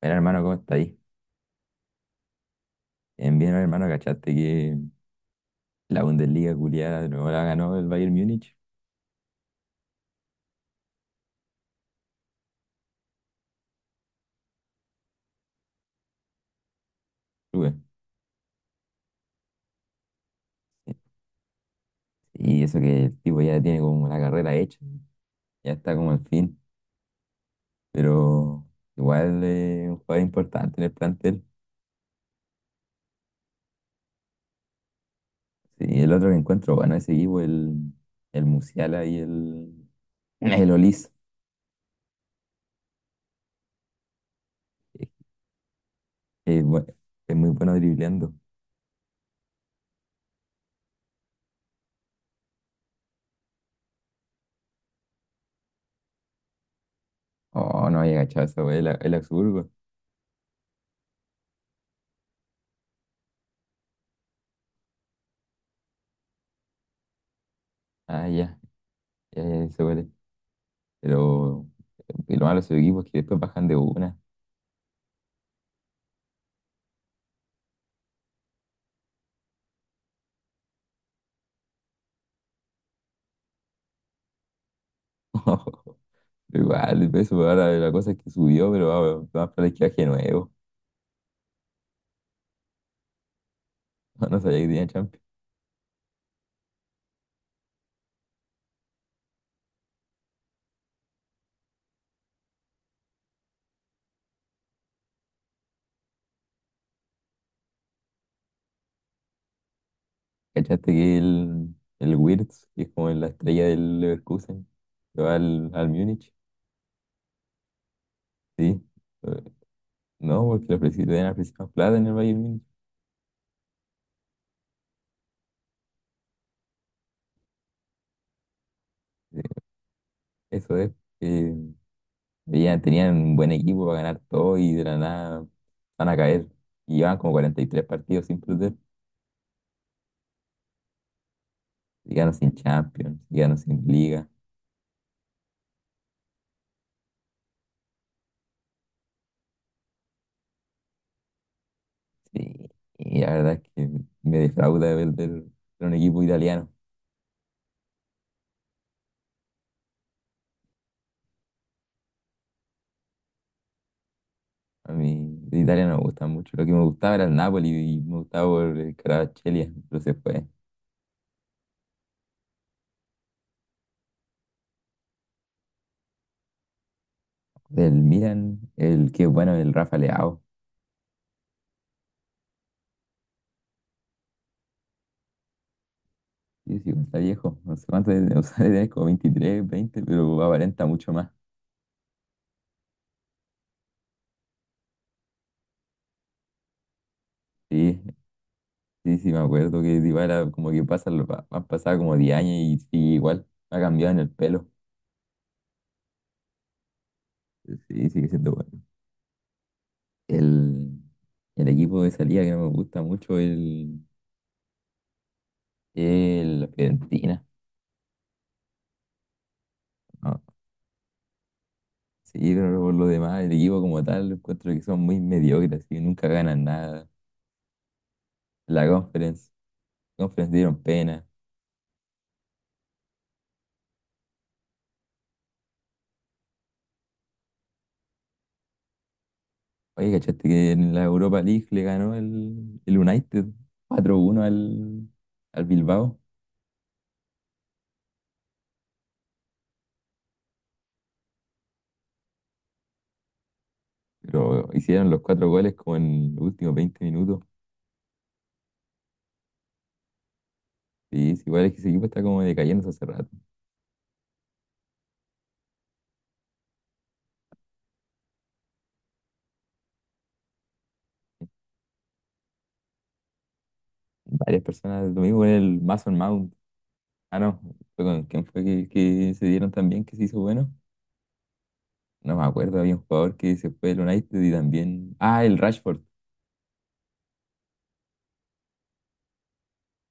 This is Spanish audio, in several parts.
Mira, hermano, ¿cómo está ahí? Bien, bien, hermano, ¿cachaste que la Bundesliga culiada de nuevo la ganó el Bayern Múnich? Sube. Y eso que el tipo ya tiene como la carrera hecha, ya está como al fin, pero igual es un jugador importante en el plantel. Sí, el otro que encuentro, bueno, ese equipo, el Musiala y el Olis es, es bu- es muy bueno dribleando. Oh, no había cachado esa wey, el Augsburgo. Ah, ya, ya, ya, se huele. Pero y lo malo de su equipo es que después bajan de una. Igual, el peso pues, ahora la cosa es que subió, pero va, va a para la izquierda que nuevo. No, no sabía que tenía Champions. ¿Cachaste que el Wirtz, que es como la estrella del Leverkusen, se va al Múnich? Sí. Eh, No, porque le ofrecieron, le habían ofrecido más plata en el Bayern Múnich. Eh, Eso es. eh, Tenían un buen equipo para ganar todo y de la nada van a caer. Y llevan como 43 partidos sin perder. Y ganan sin Champions, y ganan sin Liga. Y, y la verdad es que me defrauda ver de un equipo italiano. A mí de Italia no me gusta mucho. Lo que me gustaba era el Napoli y me gustaba por el Kvaratskhelia, pero se fue. Del Milan, el que bueno, el Rafa Leao. Sí, sí, pues, está viejo. No sé cuánto debe, o sea, debe tener como 23, 20, pero aparenta mucho más. Sí, sí, sí, me acuerdo que Dybala como que pasa, han pasado como 10 años y sigue igual. Ha cambiado en el pelo. Sí, sigue siendo bueno. El, el equipo de salida que no me gusta mucho es la Fiorentina. ¿No? Sí, pero por lo demás, el equipo como tal, encuentro que son muy mediocres y nunca ganan nada. La Conference, Conference dieron pena. Oye, ¿cachaste que en la Europa League le ganó el United 4-1 al Bilbao? Pero hicieron los cuatro goles como en los últimos 20 minutos. Sí, es igual es que ese equipo está como decayendo hace rato. Varias personas, lo mismo con el Mason Mount. Ah, no, fue con quién fue que se dieron también que se hizo bueno. No me acuerdo, había un jugador que se fue del United y también. Ah, el Rashford,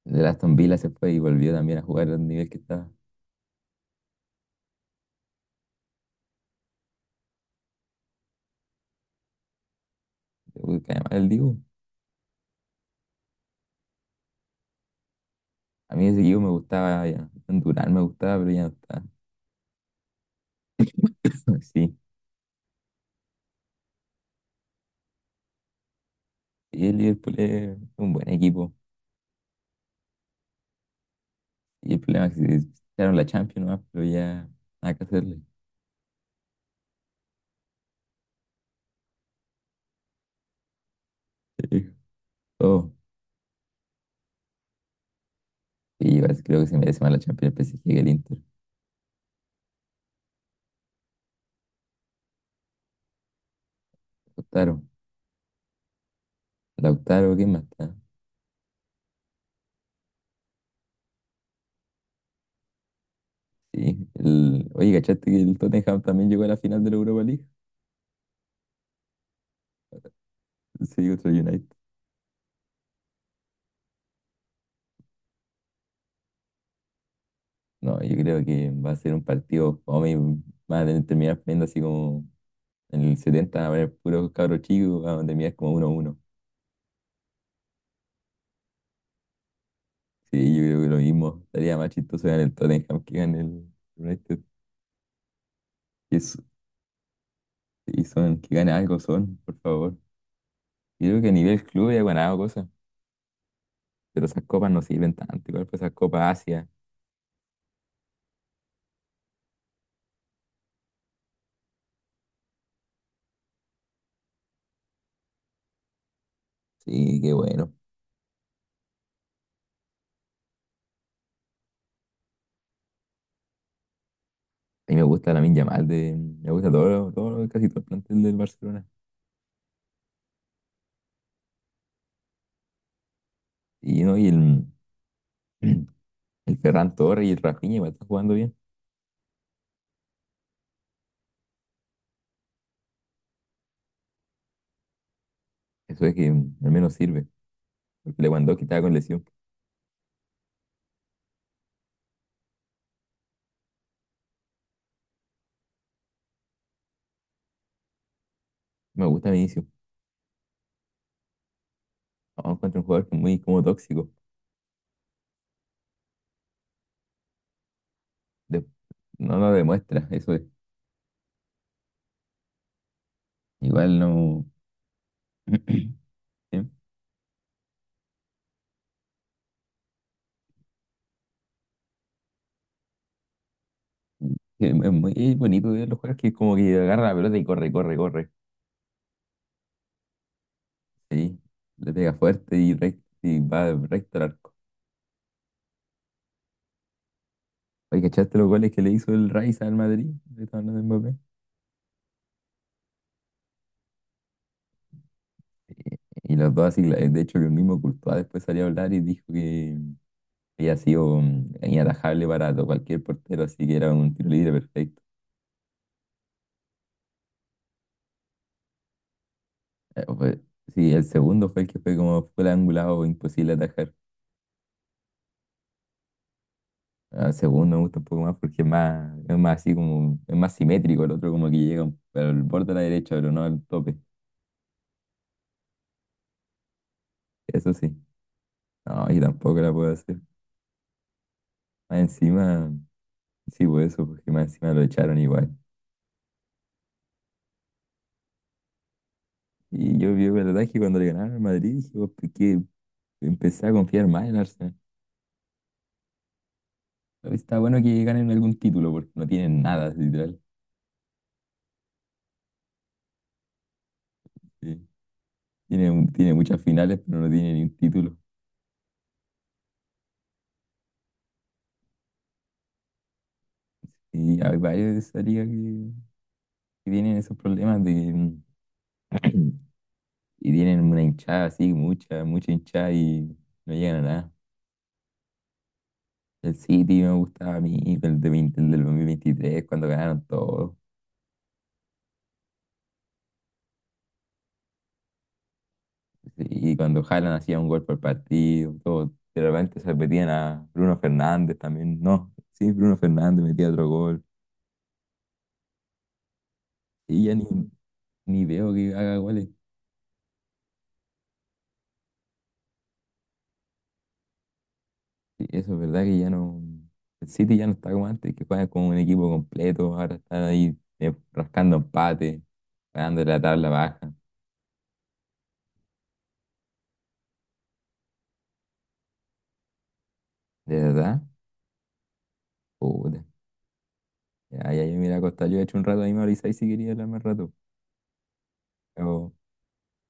del Aston Villa se fue y volvió también a jugar al nivel que estaba. Uy, que además el Dibu. A mí ese equipo me gustaba, ya. Durán me gustaba, pero ya no está. Sí, y el Liverpool es un buen equipo. Y el problema es que se echaron la Champions, nomás, pero ya nada que hacerle. Sí. Oh, y yo creo que se merece más la Champions el PSG que el Inter. Lautaro, Lautaro, ¿quién más está? Sí, el, oye, ¿cachaste que el Tottenham también llegó a la final de la Europa League? Sí, contra el United. No, yo creo que va a ser un partido, vamos a terminar viendo así como en el 70 va a haber puros cabros chicos, vamos a terminar como 1-1. Sí, yo creo que lo mismo, estaría más chistoso ganar el Tottenham que gane el United. Y, s- y son, que gane algo son, por favor. Yo creo que a nivel club ya he ganado cosas, pero esas copas no sirven tanto, igual pues esas copas Asia. Sí, qué bueno. A mí me gusta la Yamal, de, me gusta todo, todo, casi todo el plantel del Barcelona. Y, ¿no? y el, El Ferran Torres y el Rafinha igual están jugando bien. Eso es que al menos sirve. Porque Lewandowski estaba con lesión. Me gusta Vinicius. No, encuentro un jugador que es muy como tóxico. De- no lo demuestra, eso es. Igual no. Es es muy bonito ver los jugadores que como que agarra la pelota y corre, corre, corre. Sí, le pega fuerte y, y va recto al arco. Oye, ¿cachaste los goles que le hizo el Rice al Madrid? Le estaba hablando de Mbappé. Y los dos así, de hecho que el mismo Courtois después salió a hablar y dijo que había sido inatajable para cualquier portero, así que era un tiro libre perfecto. Eh, fue- sí, el segundo fue el que fue como fue el angulado, imposible atajar. Ah, el segundo me gusta un poco más porque es más así como, es más simétrico, el otro como que llega al borde de la derecha, pero no al tope. Eso sí. No, y tampoco la puedo hacer. Más encima, sí, por eso, porque más encima lo echaron igual. Y yo vi el ataque cuando le ganaron al Madrid, dije, empecé a confiar más en Arsenal. Está bueno que ganen algún título, porque no tienen nada, literal. Sí. Tiene, tiene muchas finales, pero no tiene ni un título. Y hay varios de esa liga que tienen esos problemas de, que, y tienen una hinchada así, mucha, mucha hinchada y no llegan a nada. El City me gustaba a mí, el, de, 20 el del 2023 cuando ganaron todo. Y cuando Haaland hacía un gol por partido, todo. De repente se metían a Bruno Fernández también. No, sí, Bruno Fernández metía otro gol. Y ya ni, ni veo que haga goles. Sí, eso es verdad que ya no. El City ya no está como antes, que juega como un equipo completo. Ahora están ahí rascando empate, ganando la tabla baja. ¿De verdad? Puta. Ya, ya, yo mira, Costa, yo he hecho un rato ahí, me avisáis si quería hablar más rato. Pero